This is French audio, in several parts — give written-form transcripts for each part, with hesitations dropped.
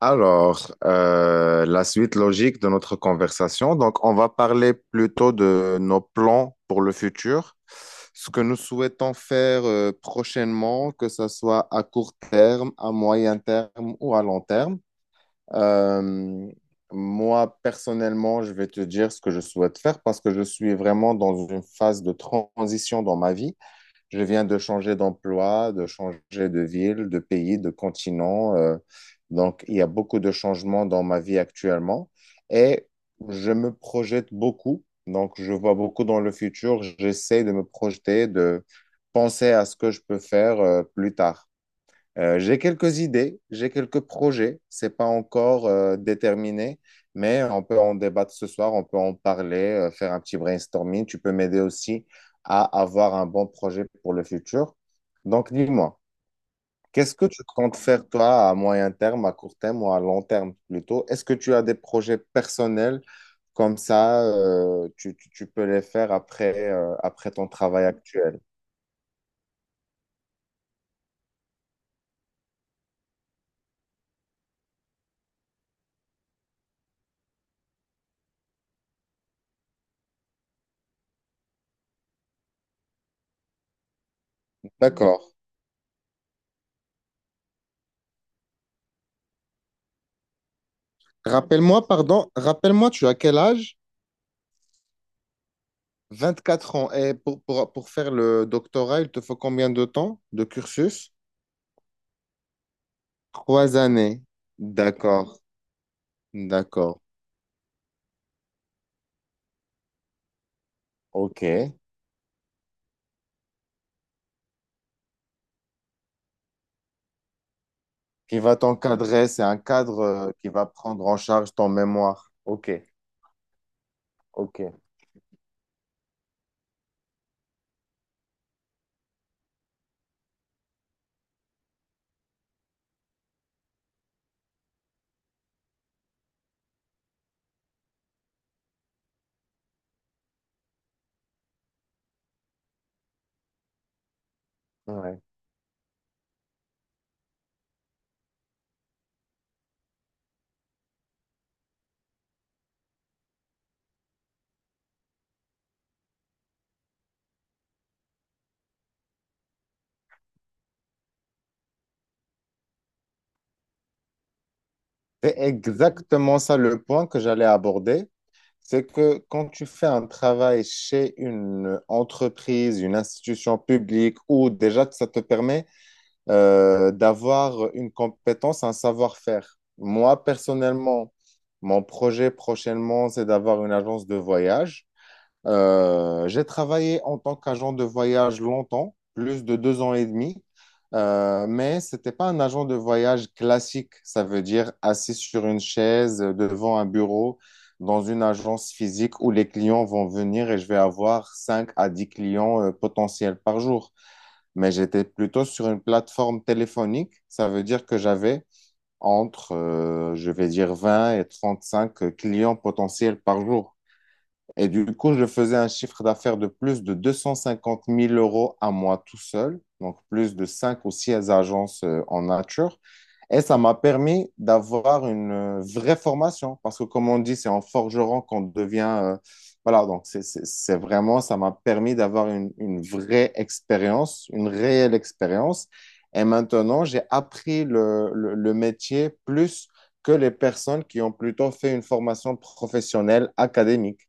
Alors, la suite logique de notre conversation. Donc, on va parler plutôt de nos plans pour le futur, ce que nous souhaitons faire prochainement, que ce soit à court terme, à moyen terme ou à long terme. Euh, moi, personnellement, je vais te dire ce que je souhaite faire parce que je suis vraiment dans une phase de transition dans ma vie. Je viens de changer d'emploi, de changer de ville, de pays, de continent. Donc, il y a beaucoup de changements dans ma vie actuellement, et je me projette beaucoup. Donc, je vois beaucoup dans le futur. J'essaie de me projeter, de penser à ce que je peux faire plus tard. J'ai quelques idées, j'ai quelques projets. C'est pas encore déterminé, mais on peut en débattre ce soir, on peut en parler, faire un petit brainstorming. Tu peux m'aider aussi à avoir un bon projet pour le futur. Donc, dis-moi, qu'est-ce que tu comptes faire toi à moyen terme, à court terme ou à long terme plutôt? Est-ce que tu as des projets personnels comme ça, tu peux les faire après, après ton travail actuel? D'accord. Rappelle-moi, pardon, rappelle-moi, tu as quel âge? 24 ans. Et pour faire le doctorat, il te faut combien de temps de cursus? 3 années. D'accord, d'accord. OK. Qui va t'encadrer, c'est un cadre qui va prendre en charge ton mémoire. OK, OK. Ouais. C'est exactement ça le point que j'allais aborder. C'est que quand tu fais un travail chez une entreprise, une institution publique, ou déjà que ça te permet d'avoir une compétence, un savoir-faire. Moi, personnellement, mon projet prochainement, c'est d'avoir une agence de voyage. J'ai travaillé en tant qu'agent de voyage longtemps, plus de 2 ans et demi, mais ce n'était pas un agent de voyage classique. Ça veut dire assis sur une chaise devant un bureau dans une agence physique où les clients vont venir et je vais avoir 5 à 10 clients potentiels par jour, mais j'étais plutôt sur une plateforme téléphonique. Ça veut dire que j'avais entre, je vais dire, 20 et 35 clients potentiels par jour. Et du coup, je faisais un chiffre d'affaires de plus de 250 000 € à moi tout seul, donc plus de 5 ou 6 agences en nature. Et ça m'a permis d'avoir une vraie formation, parce que comme on dit, c'est en forgeron qu'on devient... voilà, donc c'est vraiment, ça m'a permis d'avoir une vraie expérience, une réelle expérience. Et maintenant, j'ai appris le métier plus que les personnes qui ont plutôt fait une formation professionnelle académique.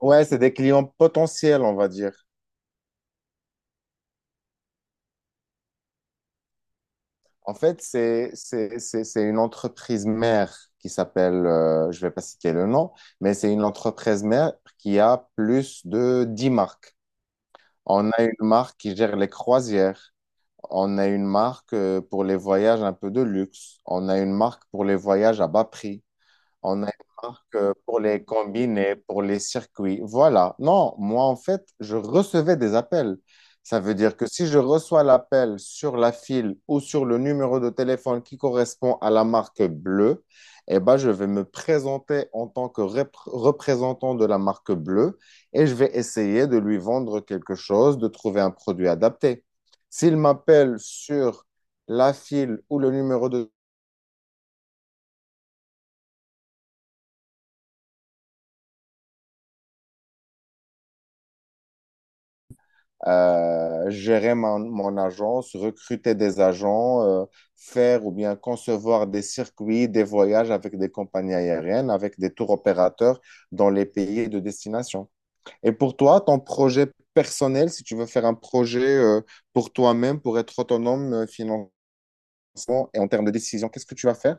Ouais, c'est des clients potentiels, on va dire. En fait, c'est une entreprise mère qui s'appelle, je vais pas citer le nom, mais c'est une entreprise mère qui a plus de 10 marques. On a une marque qui gère les croisières. On a une marque pour les voyages un peu de luxe. On a une marque pour les voyages à bas prix. On a une marque pour les combinés, pour les circuits. Voilà. Non, moi, en fait, je recevais des appels. Ça veut dire que si je reçois l'appel sur la file ou sur le numéro de téléphone qui correspond à la marque bleue, eh ben, je vais me présenter en tant que représentant de la marque bleue et je vais essayer de lui vendre quelque chose, de trouver un produit adapté. S'il m'appelle sur la file ou le numéro de gérer mon agence, recruter des agents, faire ou bien concevoir des circuits, des voyages avec des compagnies aériennes, avec des tours opérateurs dans les pays de destination. Et pour toi, ton projet personnel, si tu veux faire un projet pour toi-même, pour être autonome enfant et en termes de décision, qu'est-ce que tu vas faire?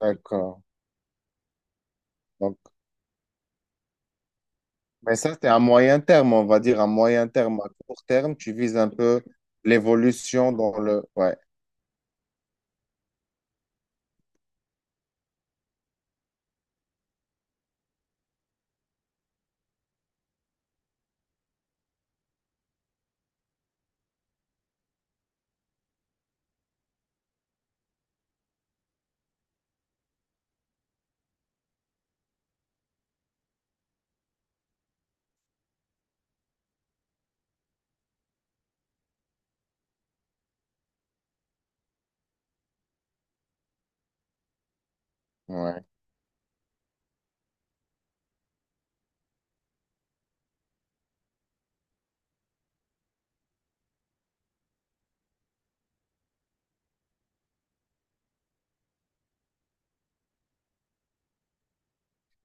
D'accord. Donc, mais ça, c'est à moyen terme, on va dire, à moyen terme. À court terme, tu vises un peu l'évolution dans le... Ouais, ouais.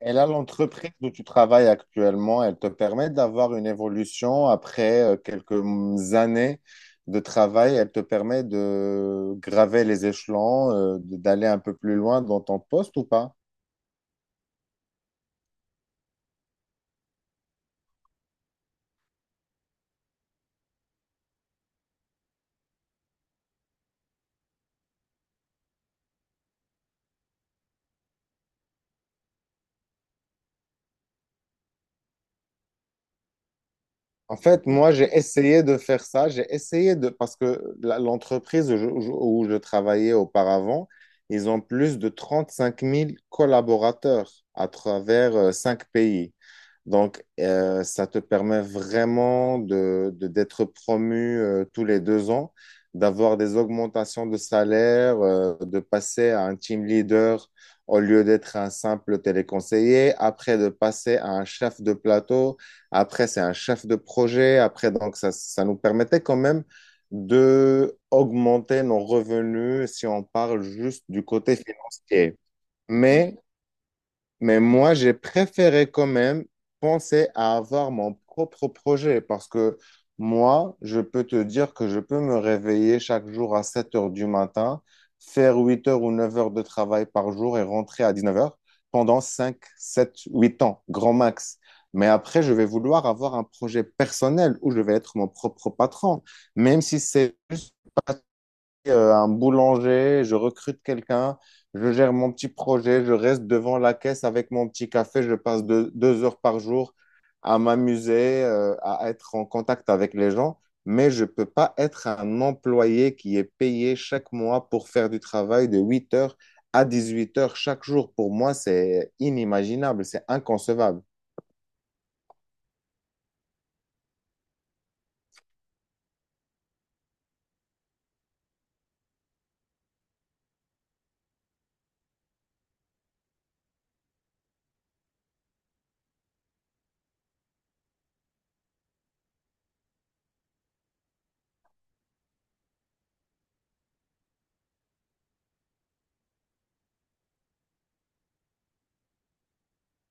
Et là, l'entreprise où tu travailles actuellement, elle te permet d'avoir une évolution après quelques années de travail. Elle te permet de graver les échelons, d'aller un peu plus loin dans ton poste ou pas? En fait, moi, j'ai essayé de faire ça. J'ai essayé de... Parce que l'entreprise où je travaillais auparavant, ils ont plus de 35 000 collaborateurs à travers cinq pays. Donc, ça te permet vraiment d'être promu tous les 2 ans, d'avoir des augmentations de salaire, de passer à un team leader au lieu d'être un simple téléconseiller, après de passer à un chef de plateau, après, c'est un chef de projet. Après, donc, ça nous permettait quand même de augmenter nos revenus si on parle juste du côté financier. Mais mais moi, j'ai préféré quand même penser à avoir mon propre projet parce que moi, je peux te dire que je peux me réveiller chaque jour à 7 heures du matin, faire 8 heures ou 9 heures de travail par jour et rentrer à 19 heures pendant 5, 7, 8 ans, grand max. Mais après, je vais vouloir avoir un projet personnel où je vais être mon propre patron, même si c'est juste un boulanger, je recrute quelqu'un, je gère mon petit projet, je reste devant la caisse avec mon petit café, je passe deux heures par jour à m'amuser, à être en contact avec les gens, mais je ne peux pas être un employé qui est payé chaque mois pour faire du travail de 8 heures à 18 heures chaque jour. Pour moi, c'est inimaginable, c'est inconcevable.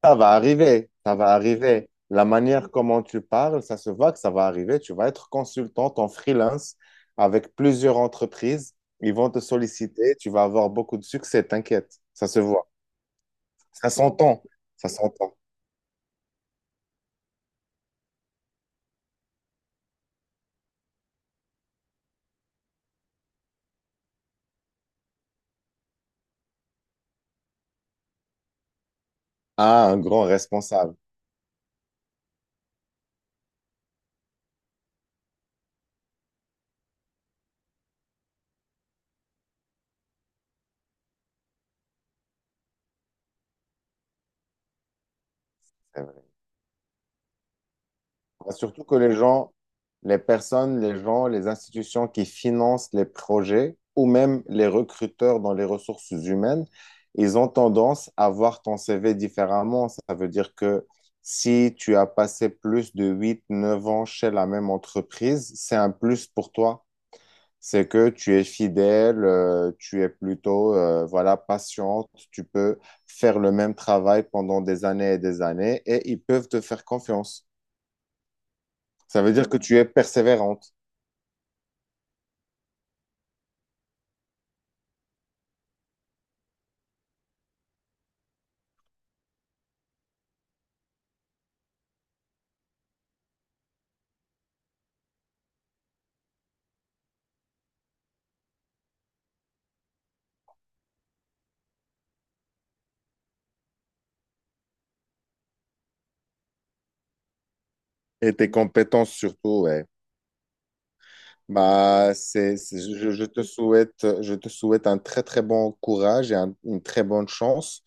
Ça va arriver, ça va arriver. La manière comment tu parles, ça se voit que ça va arriver. Tu vas être consultante en freelance avec plusieurs entreprises. Ils vont te solliciter. Tu vas avoir beaucoup de succès, t'inquiète. Ça se voit. Ça s'entend. Ça s'entend. Ah, un grand responsable. Bah, surtout que les gens, les personnes, les gens, les institutions qui financent les projets ou même les recruteurs dans les ressources humaines, ils ont tendance à voir ton CV différemment. Ça veut dire que si tu as passé plus de 8, 9 ans chez la même entreprise, c'est un plus pour toi. C'est que tu es fidèle, tu es plutôt voilà, patiente, tu peux faire le même travail pendant des années et ils peuvent te faire confiance. Ça veut dire que tu es persévérante et tes compétences surtout, ouais. Bah, je te souhaite un très très bon courage et une très bonne chance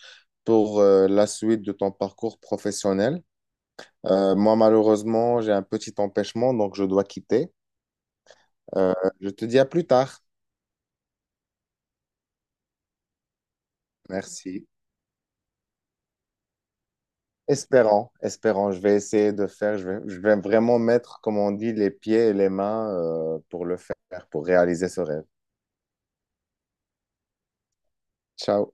pour la suite de ton parcours professionnel. Moi, malheureusement, j'ai un petit empêchement, donc je dois quitter. Euh, je te dis à plus tard. Merci. Espérant, je vais essayer de faire, je vais vraiment mettre, comme on dit, les pieds et les mains pour le faire, pour réaliser ce rêve. Ciao.